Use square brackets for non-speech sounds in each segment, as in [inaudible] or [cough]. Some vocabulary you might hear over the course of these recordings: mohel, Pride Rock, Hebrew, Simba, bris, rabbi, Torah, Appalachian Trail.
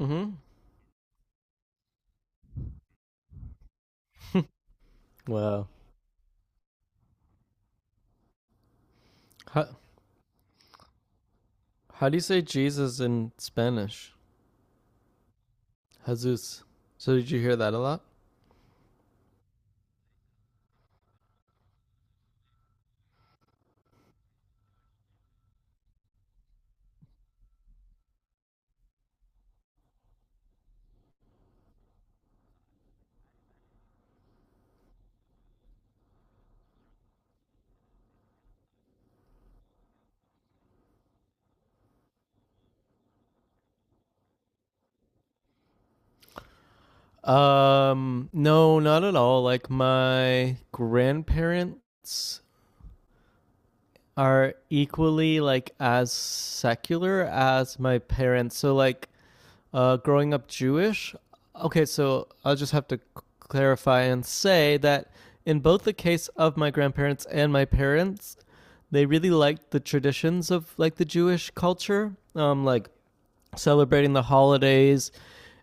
Mm-hmm. [laughs] Wow. How, how do you say Jesus in Spanish? Jesus. So did you hear that a lot? No, not at all. Like my grandparents are equally like as secular as my parents. So like growing up Jewish. Okay, so I'll just have to clarify and say that in both the case of my grandparents and my parents, they really liked the traditions of like the Jewish culture, like celebrating the holidays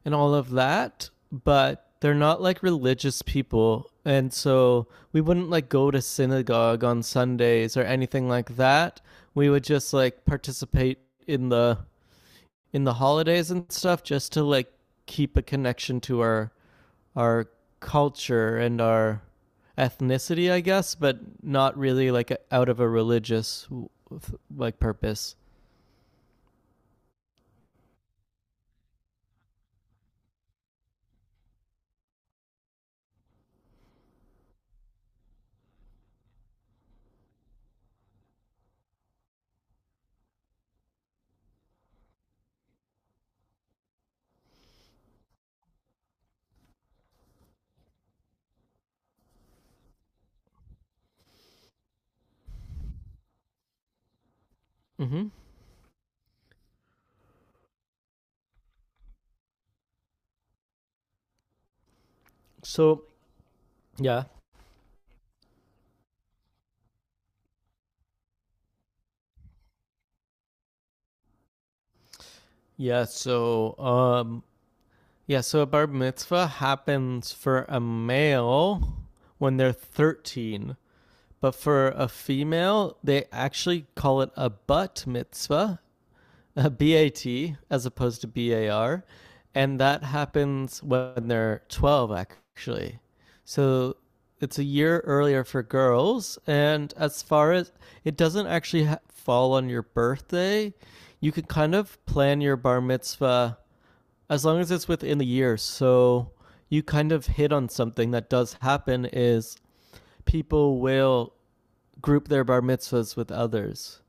and all of that. But they're not like religious people, and so we wouldn't like go to synagogue on Sundays or anything like that. We would just like participate in the in the holidays and stuff just to like keep a connection to our culture and our ethnicity, I guess, but not really like out of a religious like purpose. Mm-hmm. So yeah, yeah. So yeah. So a bar mitzvah happens for a male when they're 13, but for a female, they actually call it a butt mitzvah, [laughs] BAT as opposed to BAR, and that happens when they're 12 actually. So it's a year earlier for girls, and as far as it doesn't actually fall on your birthday, you can kind of plan your bar mitzvah as long as it's within the year. So you kind of hit on something that does happen is people will group their bar mitzvahs with others.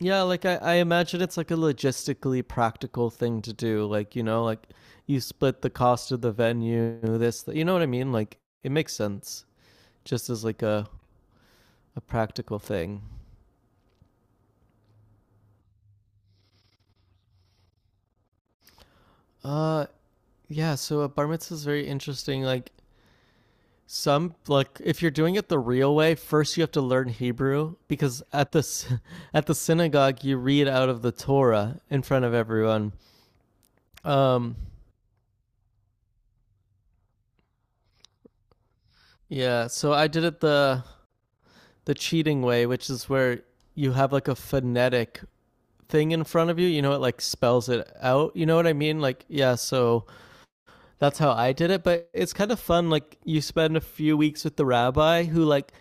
Yeah, like I imagine it's like a logistically practical thing to do. Like, you know, like you split the cost of the venue, you know what I mean? Like it makes sense just as like a practical thing. Uh, yeah, so a bar mitzvah is very interesting. Like some, like if you're doing it the real way, first you have to learn Hebrew because [laughs] at the synagogue, you read out of the Torah in front of everyone. Um, yeah, so I did it the cheating way, which is where you have like a phonetic thing in front of you. You know, it like spells it out. You know what I mean? Like, yeah, so that's how I did it. But it's kind of fun. Like, you spend a few weeks with the rabbi who, like,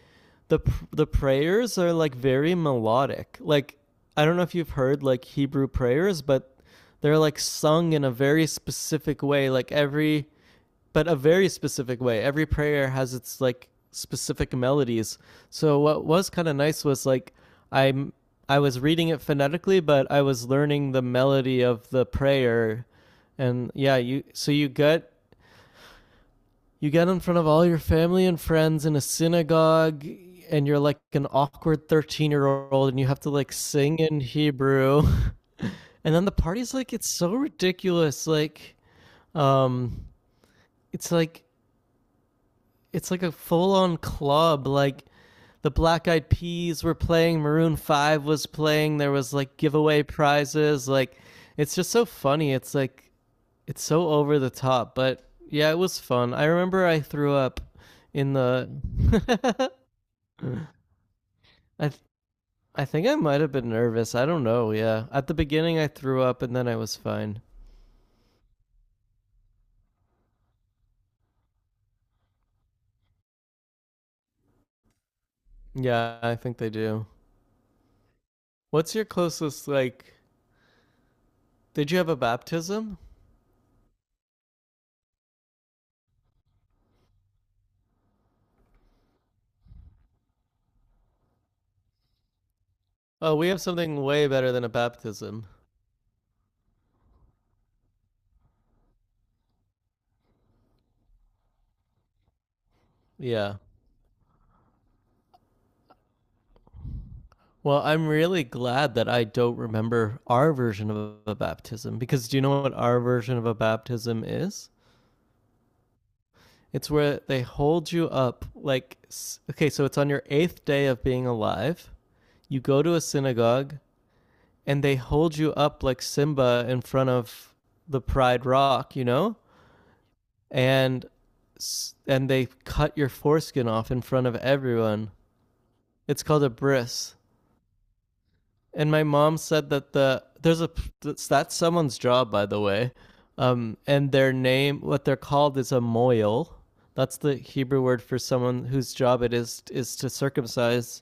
the, the prayers are like very melodic. Like, I don't know if you've heard like Hebrew prayers, but they're like sung in a very specific way. Like, every but a very specific way. Every prayer has its like specific melodies. So what was kind of nice was like I'm I was reading it phonetically, but I was learning the melody of the prayer, and yeah, you so you get in front of all your family and friends in a synagogue, and you're like an awkward 13-year-old old, and you have to like sing in Hebrew, [laughs] and then the party's like it's so ridiculous, like um, it's like it's like a full on club. Like the Black Eyed Peas were playing, Maroon Five was playing. There was like giveaway prizes. Like it's just so funny. It's so over the top, but yeah, it was fun. I remember I threw up in the. [laughs] I th- I think I might have been nervous. I don't know. Yeah, at the beginning I threw up and then I was fine. Yeah, I think they do. What's your closest like? Did you have a baptism? Oh, we have something way better than a baptism. Yeah. Well, I'm really glad that I don't remember our version of a baptism because do you know what our version of a baptism is? It's where they hold you up like okay, so it's on your 8th day of being alive. You go to a synagogue and they hold you up like Simba in front of the Pride Rock, you know? And and they cut your foreskin off in front of everyone. It's called a bris. And my mom said that the there's a that's someone's job, by the way. And their name, what they're called, is a moil. That's the Hebrew word for someone whose job it is to circumcise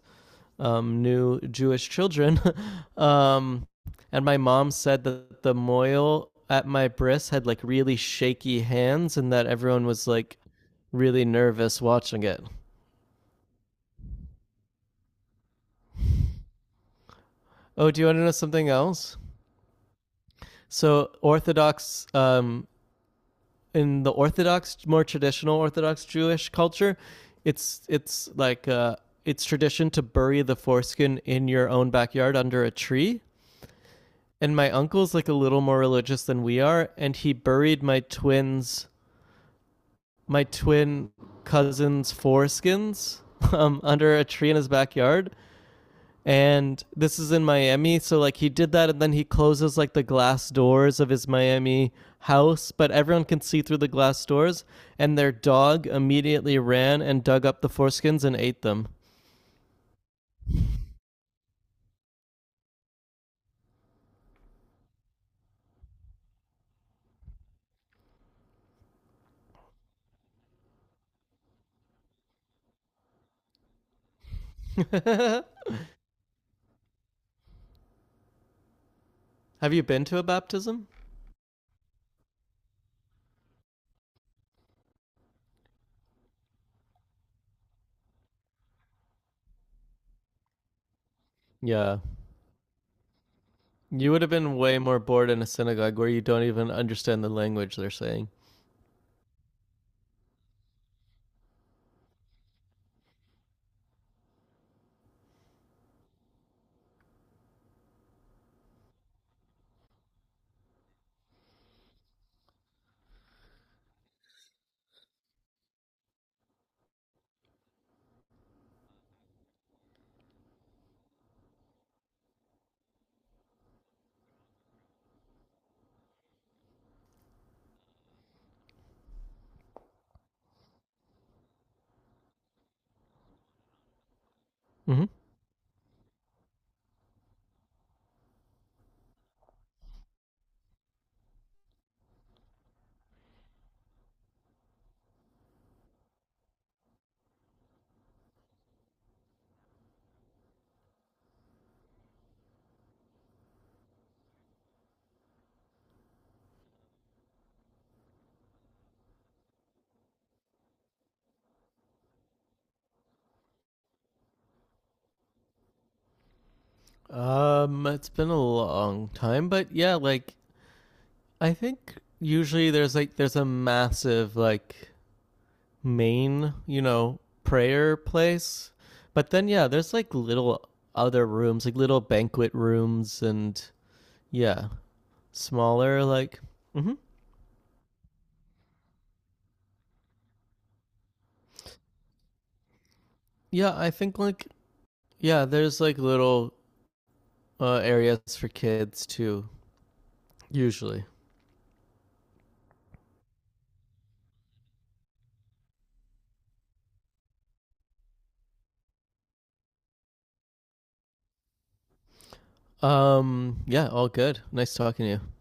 new Jewish children, [laughs] um and my mom said that the moil at my bris had like really shaky hands and that everyone was like really nervous watching it. Oh, do you want to know something else? So Orthodox in the Orthodox, more traditional Orthodox Jewish culture, it's it's like uh, it's tradition to bury the foreskin in your own backyard under a tree. And my uncle's like a little more religious than we are, and he buried my twin cousins' foreskins, [laughs] under a tree in his backyard, and this is in Miami. So like he did that, and then he closes like the glass doors of his Miami house, but everyone can see through the glass doors. And their dog immediately ran and dug up the foreskins and ate them. [laughs] Have you been to a baptism? Yeah, you would have been way more bored in a synagogue where you don't even understand the language they're saying. Mm-hmm. It's been a long time, but yeah, like I think usually there's a massive like main, you know, prayer place. But then yeah, there's like little other rooms, like little banquet rooms and yeah, smaller like mhm. Yeah, I think like yeah, there's like little areas for kids too usually. Yeah, all good. Nice talking to you.